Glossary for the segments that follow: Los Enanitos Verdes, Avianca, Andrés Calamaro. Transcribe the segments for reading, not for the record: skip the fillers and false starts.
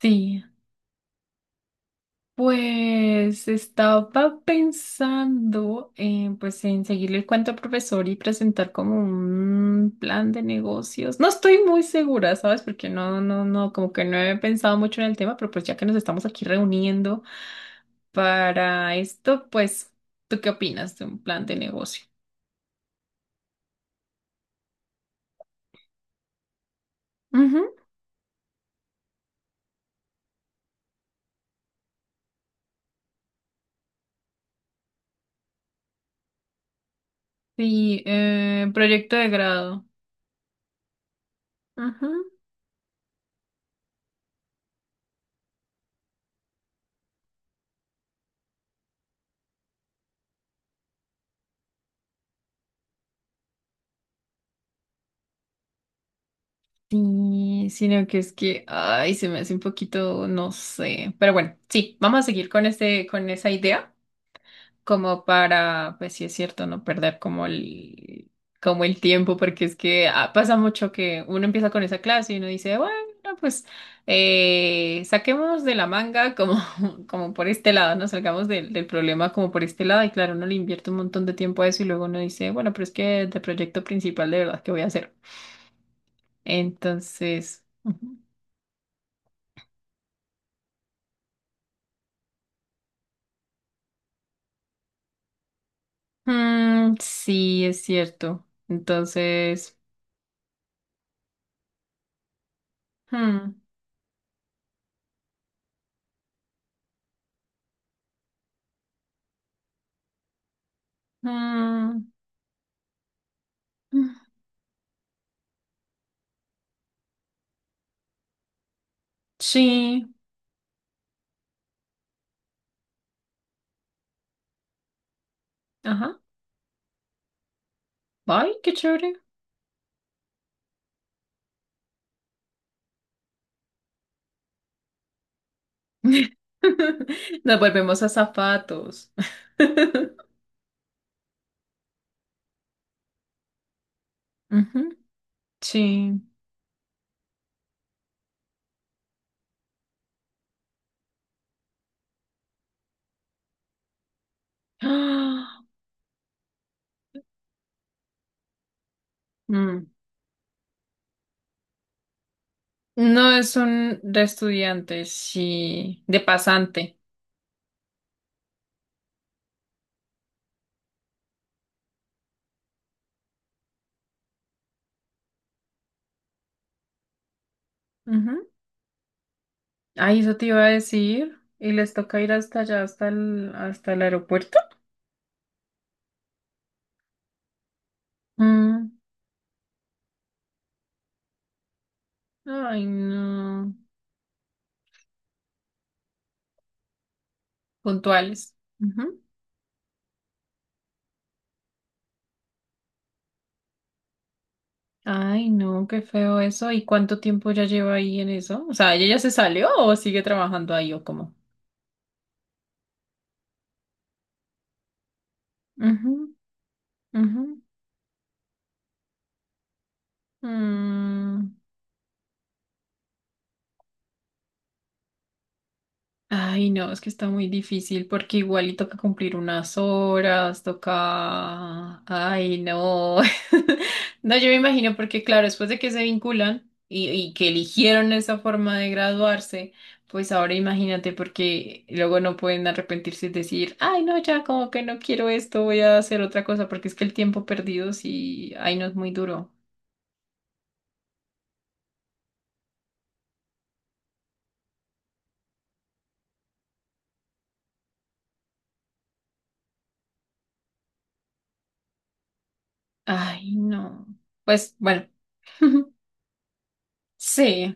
Sí, pues estaba pensando pues, en seguirle el cuento al profesor y presentar como un plan de negocios. No estoy muy segura, ¿sabes? Porque no, no, no, como que no he pensado mucho en el tema, pero pues ya que nos estamos aquí reuniendo para esto, pues, ¿tú qué opinas de un plan de negocio? Ujú. Sí, proyecto de grado. Sí, sino que es que, ay, se me hace un poquito, no sé. Pero bueno, sí, vamos a seguir con esa idea, como para, pues sí es cierto, no perder como el tiempo, porque es que pasa mucho que uno empieza con esa clase y uno dice, bueno, pues saquemos de la manga como, como por este lado, no salgamos del problema como por este lado. Y claro, uno le invierte un montón de tiempo a eso y luego uno dice, bueno, pero es que de proyecto principal de verdad, ¿qué voy a hacer? Entonces. Ujú. Mm, sí, es cierto. Entonces. Hmm, mm, mm, sí, ajá. Ay, qué chévere. Nos volvemos a zapatos. Sí. Ah, mm. No es un de estudiante, sí, de pasante. Ujú. Ay, eso te iba a decir. Y les toca ir hasta allá, hasta el aeropuerto. Mm. Ay, no. Puntuales. Ujú. Ay, no, qué feo eso. ¿Y cuánto tiempo ya lleva ahí en eso? O sea, ¿ella ya se salió o sigue trabajando ahí o cómo? Ujú, ujú. Mm. Ay, no, es que está muy difícil porque igual y toca cumplir unas horas, toca... Ay, no. No, yo me imagino porque claro, después de que se vinculan y que eligieron esa forma de graduarse, pues ahora imagínate porque luego no pueden arrepentirse y decir, ay, no, ya como que no quiero esto, voy a hacer otra cosa porque es que el tiempo perdido sí, ay, no es muy duro. Ay, no. Pues bueno, sí.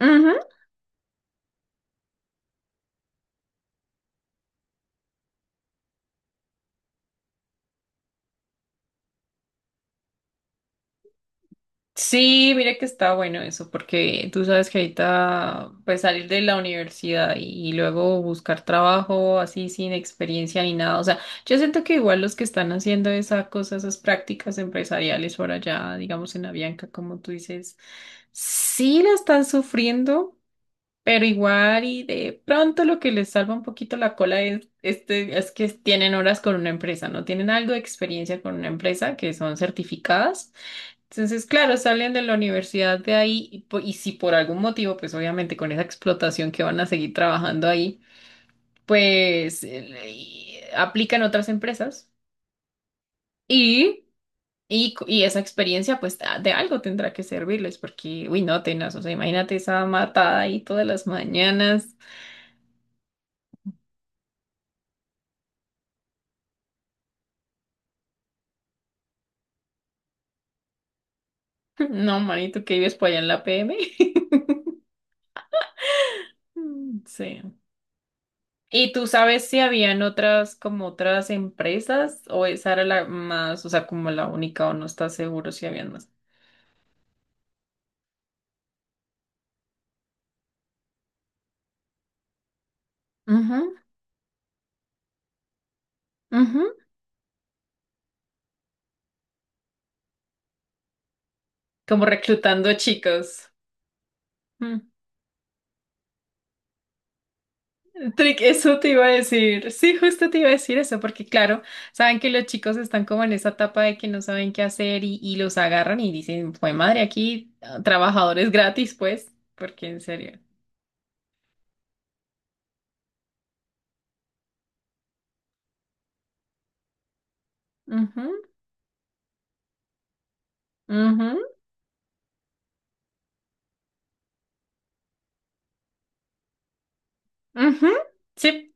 Ujú. Sí, mira que está bueno eso, porque tú sabes que ahorita, pues salir de la universidad y luego buscar trabajo así sin experiencia ni nada. O sea, yo siento que igual los que están haciendo esa cosa, esas prácticas empresariales por allá, digamos en Avianca, como tú dices, sí la están sufriendo, pero igual y de pronto lo que les salva un poquito la cola es que tienen horas con una empresa, ¿no? Tienen algo de experiencia con una empresa que son certificadas. Entonces, claro, salen de la universidad de ahí y si por algún motivo, pues obviamente con esa explotación que van a seguir trabajando ahí, pues y aplican otras empresas y, y esa experiencia pues de algo tendrá que servirles porque, uy, no, tenaz, o sea, imagínate esa matada ahí todas las mañanas. No, manito, que vives por allá en la PM. Sí. ¿Y tú sabes si habían otras, como otras empresas o esa era la más, o sea, como la única o no estás seguro si habían más? Ujú, ujú. Como reclutando chicos. Mm. Trick, eso te iba a decir. Sí, justo te iba a decir eso, porque claro, saben que los chicos están como en esa etapa de que no saben qué hacer y los agarran y dicen, fue madre, aquí trabajadores gratis, pues, porque en serio. Ujú, ujú, ujú. Sí.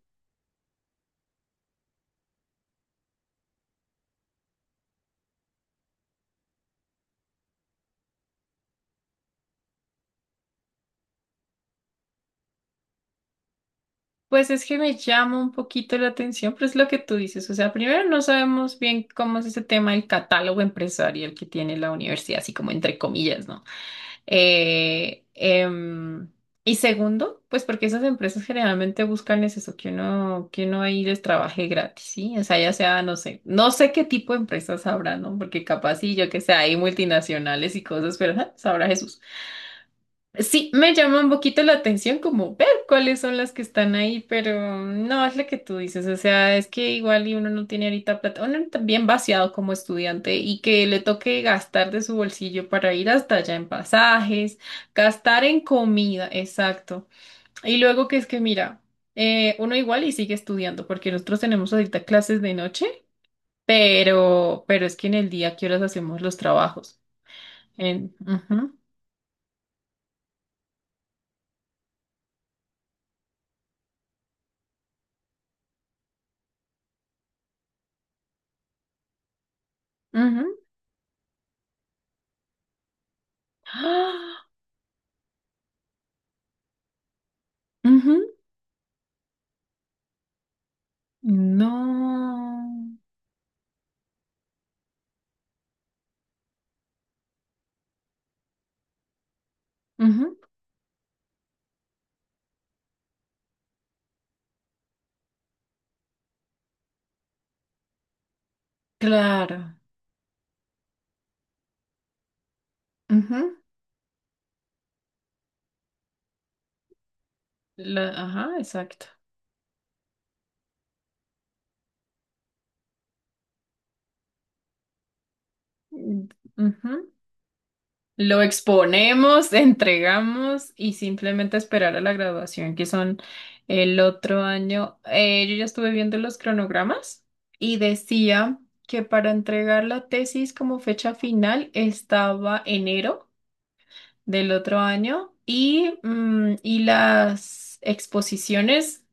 Pues es que me llama un poquito la atención, pero es lo que tú dices. O sea, primero no sabemos bien cómo es ese tema del catálogo empresarial que tiene la universidad, así como entre comillas, ¿no? Eh, em, y segundo, pues porque esas empresas generalmente buscan es eso, que uno, ahí les trabaje gratis, ¿sí? O sea, ya sea, no sé, no sé qué tipo de empresas habrá, ¿no? Porque capaz sí, yo que sé, hay multinacionales y cosas, pero ja, sabrá Jesús. Sí, me llama un poquito la atención como ver cuáles son las que están ahí, pero no es lo que tú dices, o sea, es que igual y uno no tiene ahorita plata, uno también vaciado como estudiante y que le toque gastar de su bolsillo para ir hasta allá en pasajes, gastar en comida, exacto. Y luego que es que mira, uno igual y sigue estudiando porque nosotros tenemos ahorita clases de noche, pero es que en el día, ¿qué horas hacemos los trabajos? En, ujú, ujú. ¡Ah! Ujú. No. Ujú. Claro. Ujú, la- ajá, exacto. Mm, ujú. Lo exponemos, entregamos y simplemente esperar a la graduación, que son el otro año. Yo ya estuve viendo los cronogramas y decía que para entregar la tesis como fecha final estaba enero del otro año y las exposiciones.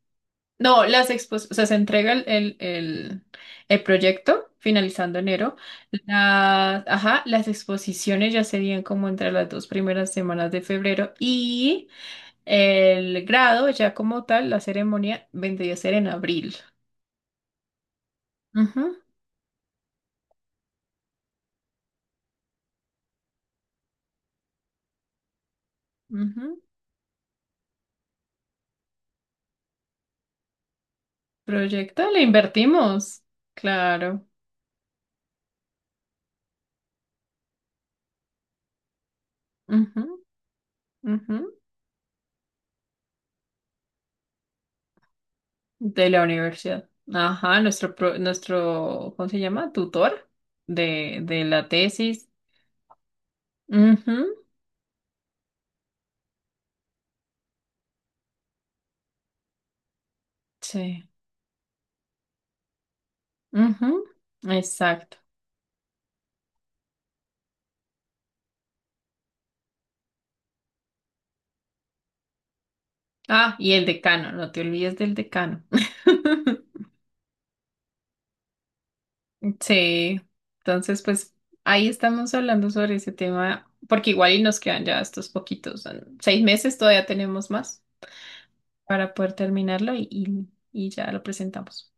No, las expos, o sea, se entrega el proyecto finalizando enero. Ajá, las exposiciones ya serían como entre las dos primeras semanas de febrero y el grado, ya como tal, la ceremonia vendría a ser en abril. Ujú, ujú. Proyecto, le invertimos. Claro. Ujú, ujú. De la universidad. Ajá, nuestro, pro- nuestro, ¿cómo se llama? Tutor de la tesis. Ujú. Sí. Ujú. Exacto. Ah, y el decano, no te olvides del decano. Sí. Entonces, pues ahí estamos hablando sobre ese tema, porque igual y nos quedan ya estos poquitos, son 6 meses, todavía tenemos más para poder terminarlo y ya lo presentamos.